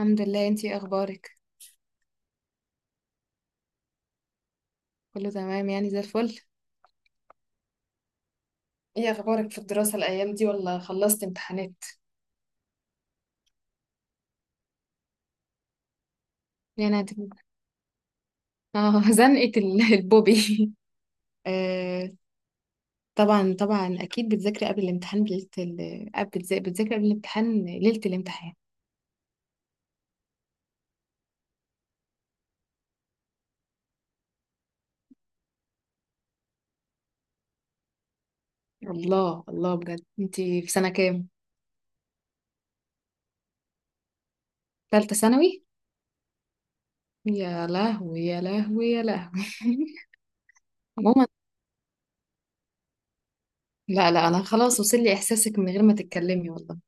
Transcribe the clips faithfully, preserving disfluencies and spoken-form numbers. الحمد لله. انتي ايه اخبارك؟ كله تمام، يعني زي الفل. ايه اخبارك في الدراسة الايام دي، ولا خلصت امتحانات؟ يعني هت- اه، زنقة ال- البوبي. آه. طبعا طبعا، اكيد بتذاكري قبل الامتحان بليلة ال... آه، بتذا- بتذاكري قبل الامتحان ليلة الامتحان. الله الله، بجد انتي في سنة كام؟ تالتة ثانوي. يا لهوي يا لهوي يا لهوي. عموما، لا لا انا خلاص، وصل لي احساسك من غير ما تتكلمي والله.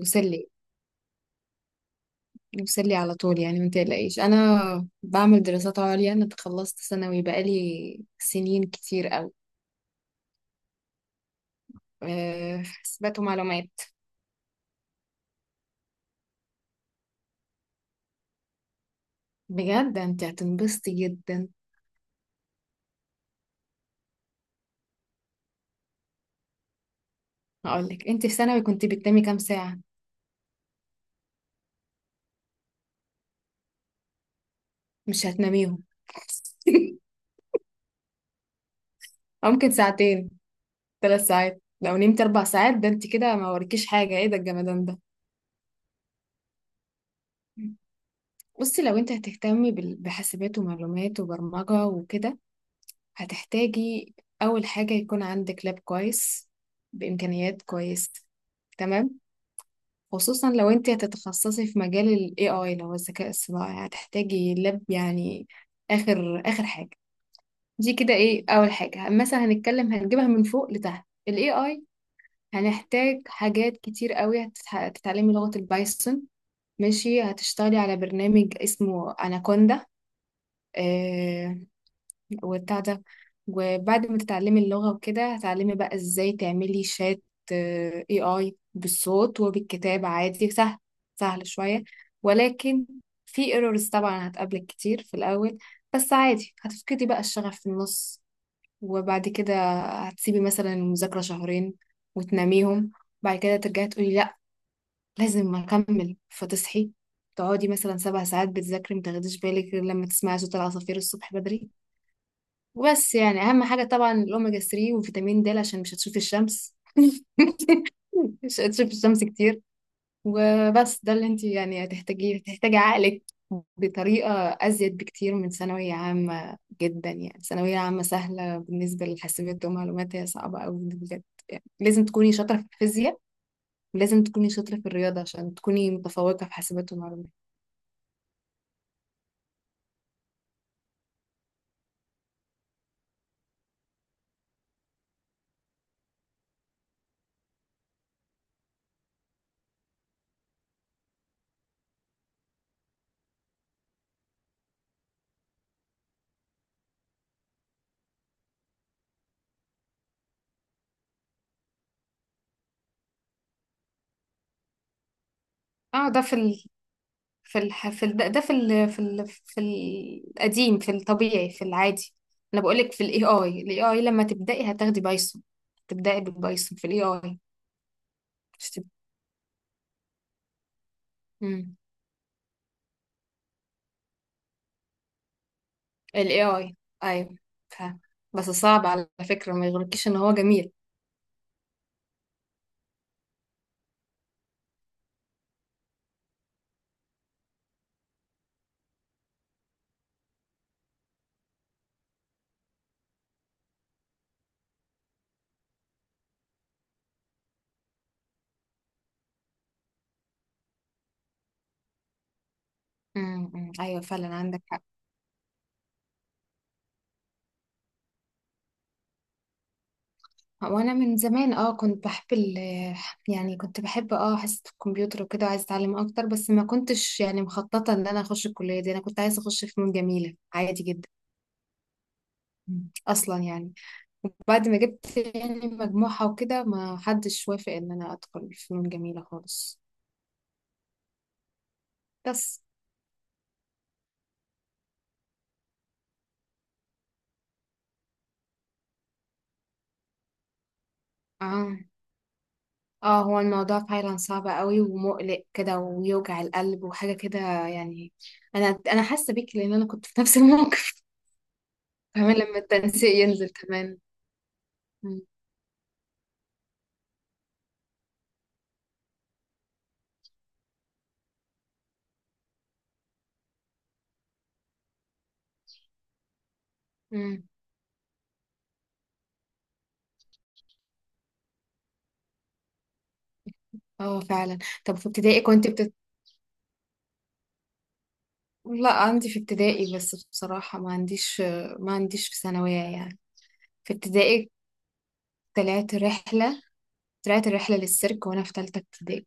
وصل لي. نفصل لي على طول يعني، ما تقلقيش، انا بعمل دراسات عليا، انا تخلصت ثانوي بقالي سنين كتير قوي. أه، حسابات ومعلومات. بجد انت هتنبسطي جدا. هقولك انت في ثانوي كنت بتنامي كام ساعة؟ مش هتناميهم. أو ممكن ساعتين، ثلاث ساعات، لو نمت اربع ساعات ده انت كده ما وريكيش حاجة، ايه ده الجمدان ده؟ بصي، لو انت هتهتمي بال- بحاسبات ومعلومات وبرمجة وكده، هتحتاجي أول حاجة يكون عندك لاب كويس بإمكانيات كويسة، تمام؟ خصوصا لو انت هتتخصصي في مجال ال A I اللي هو الذكاء الصناعي، هتحتاجي لاب يعني آخر آخر حاجة. دي كده ايه، أول حاجة مثلا هنتكلم هنجيبها من فوق لتحت، ال A I هنحتاج حاجات كتير قوي. هتتح- هتتعلمي لغة البايثون، ماشي، هتشتغلي على برنامج اسمه أناكوندا وبتاع ده، وبعد ما تتعلمي اللغة وكده هتعلمي بقى ازاي تعملي شات آه، إيه آي بالصوت وبالكتاب، عادي سهل، سهل شوية، ولكن في ايرورز طبعا هتقابلك كتير في الأول، بس عادي، هتفقدي بقى الشغف في النص وبعد كده هتسيبي مثلا المذاكرة شهرين وتناميهم، بعد كده ترجعي تقولي لأ لازم أكمل، فتصحي تقعدي مثلا سبع ساعات بتذاكري، متاخديش بالك غير لما تسمعي صوت العصافير الصبح بدري. وبس، يعني اهم حاجه طبعا الاوميجا تلاتة وفيتامين د، عشان مش هتشوفي الشمس. مش هتشوفي الشمس كتير. وبس، ده اللي انت يعني هتحتاجيه، هتحتاجي عقلك بطريقه ازيد بكتير من ثانويه عامه جدا، يعني ثانويه عامه سهله بالنسبه للحاسبات ومعلومات، هي صعبه قوي بجد. يعني لازم تكوني شاطره في الفيزياء، ولازم تكوني شاطره في الرياضه عشان تكوني متفوقه في حاسبات ومعلومات. اه ده في في الح... في ال... ده ده في ال... في ال... في القديم، في الطبيعي، في العادي. انا بقولك في الاي اي، الاي اي لما تبدأي هتاخدي بايثون، تبدأي بالبايثون في الاي اي. مش تب... مم. الاي اي، ايوه. ف... بس صعب على فكرة، ما يغركيش ان هو جميل. مم. مم. ايوه فعلا، عندك حق. وانا من زمان اه كنت بحب ال... يعني كنت بحب اه حصة الكمبيوتر وكده، وعايزة اتعلم اكتر، بس ما كنتش يعني مخططة ان انا اخش الكلية دي، انا كنت عايزة اخش فنون جميلة عادي جدا. مم. اصلا يعني بعد ما جبت يعني مجموعة وكده ما حدش وافق ان انا ادخل فنون جميلة خالص. بس اه اه، هو الموضوع فعلا صعب قوي ومقلق كده ويوجع القلب وحاجة كده، يعني انا انا حاسة بيك لان انا كنت في نفس الموقف. كمان لما التنسيق ينزل كمان. مم. مم. اه فعلا. طب في ابتدائي كنت بتت... لا، عندي في ابتدائي، بس بصراحة ما عنديش، ما عنديش في ثانوية يعني. في ابتدائي طلعت رحلة، طلعت الرحلة للسيرك وأنا في تالتة ابتدائي.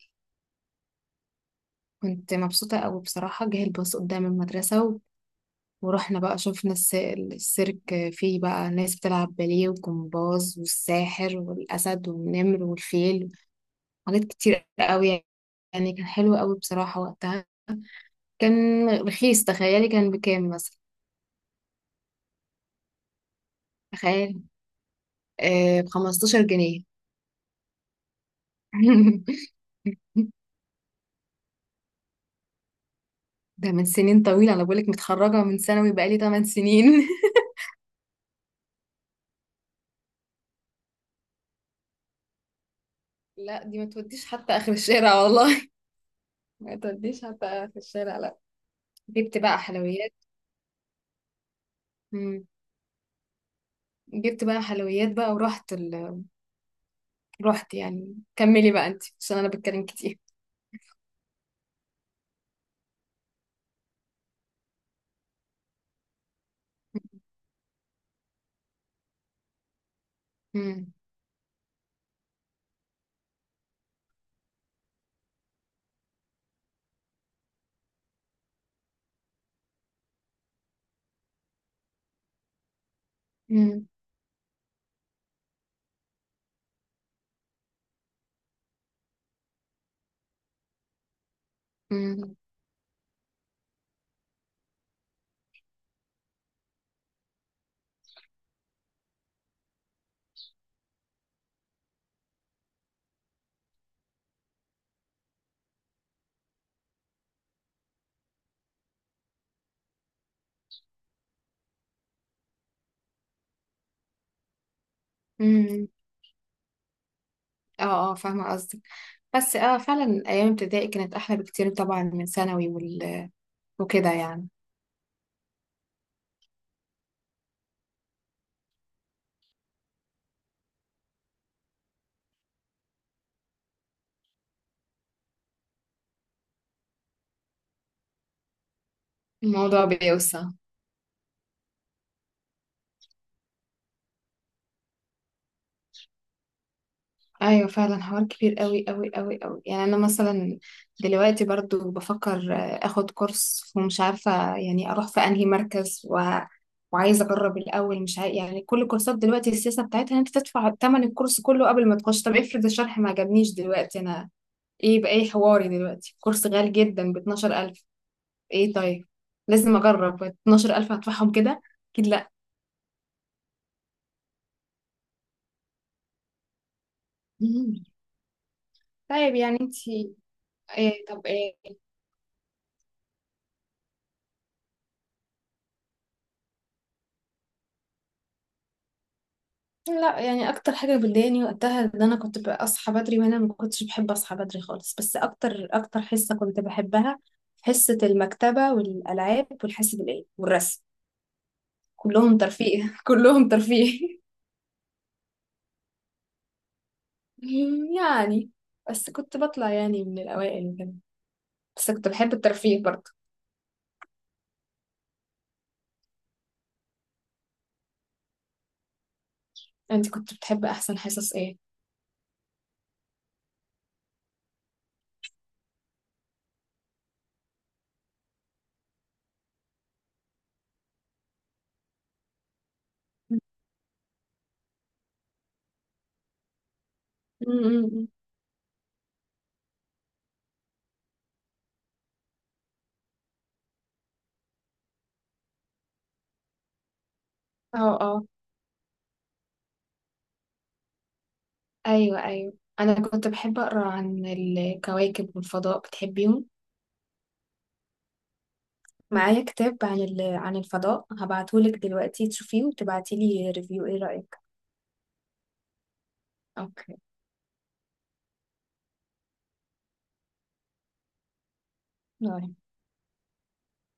كنت مبسوطة أوي بصراحة، جه الباص قدام المدرسة و... ورحنا بقى شفنا الس... السيرك، فيه بقى ناس بتلعب باليه وجمباز، والساحر والأسد والنمر والفيل، حاجات كتير أوي. يعني كان حلو أوي بصراحة وقتها. كان رخيص، تخيلي كان بكام مثلا؟ تخيل، آه بخمستاشر جنيه. ده من سنين طويلة، أنا بقولك متخرجة من ثانوي بقالي تمن سنين. لا دي ما توديش حتى آخر الشارع والله. ما توديش حتى آخر الشارع. جبت بقى حلويات. مم. جبت بقى حلويات بقى ورحت ال... رحت يعني، كملي بقى انت عشان انا بتكلم كتير. مم. مم. مم. مم. اه اه، فاهمة قصدك. بس اه فعلا ايام ابتدائي كانت احلى بكتير طبعا من ثانوي وال... وكده يعني. الموضوع بيوسع. ايوه فعلا، حوار كبير قوي قوي قوي قوي. يعني انا مثلا دلوقتي برضو بفكر آه، اخد كورس ومش عارفه يعني اروح في انهي مركز و... وعايزه اجرب الاول، مش عارف يعني كل كورسات دلوقتي السياسه بتاعتها ان انت تدفع ثمن الكورس كله قبل ما تخش، طب افرض الشرح ما عجبنيش، دلوقتي انا ايه بقى، ايه حواري؟ دلوقتي كورس غالي جدا ب اتناشر الف، ايه طيب، لازم اجرب، اتناشر الف هدفعهم كده؟ اكيد لا. مم. طيب يعني انت إيه؟ طب إيه؟ لا يعني اكتر حاجه بتضايقني وقتها ان انا كنت بقى اصحى بدري، وانا ما كنتش بحب اصحى بدري خالص. بس اكتر اكتر حصه كنت بحبها، حصه المكتبه والالعاب والحاسب الالي والرسم، كلهم ترفيه. كلهم ترفيه. يعني بس كنت بطلع يعني من الاوائل وكده، بس كنت بحب الترفيه برضه. انت كنت بتحب احسن حصص ايه؟ م-م-م. اه اه، ايوه ايوه. انا كنت بحب اقرا عن الكواكب والفضاء، بتحبيهم؟ معايا كتاب عن ال... عن الفضاء، هبعتهولك دلوقتي تشوفيه وتبعتيلي ريفيو، ايه رأيك؟ اوكي، باي.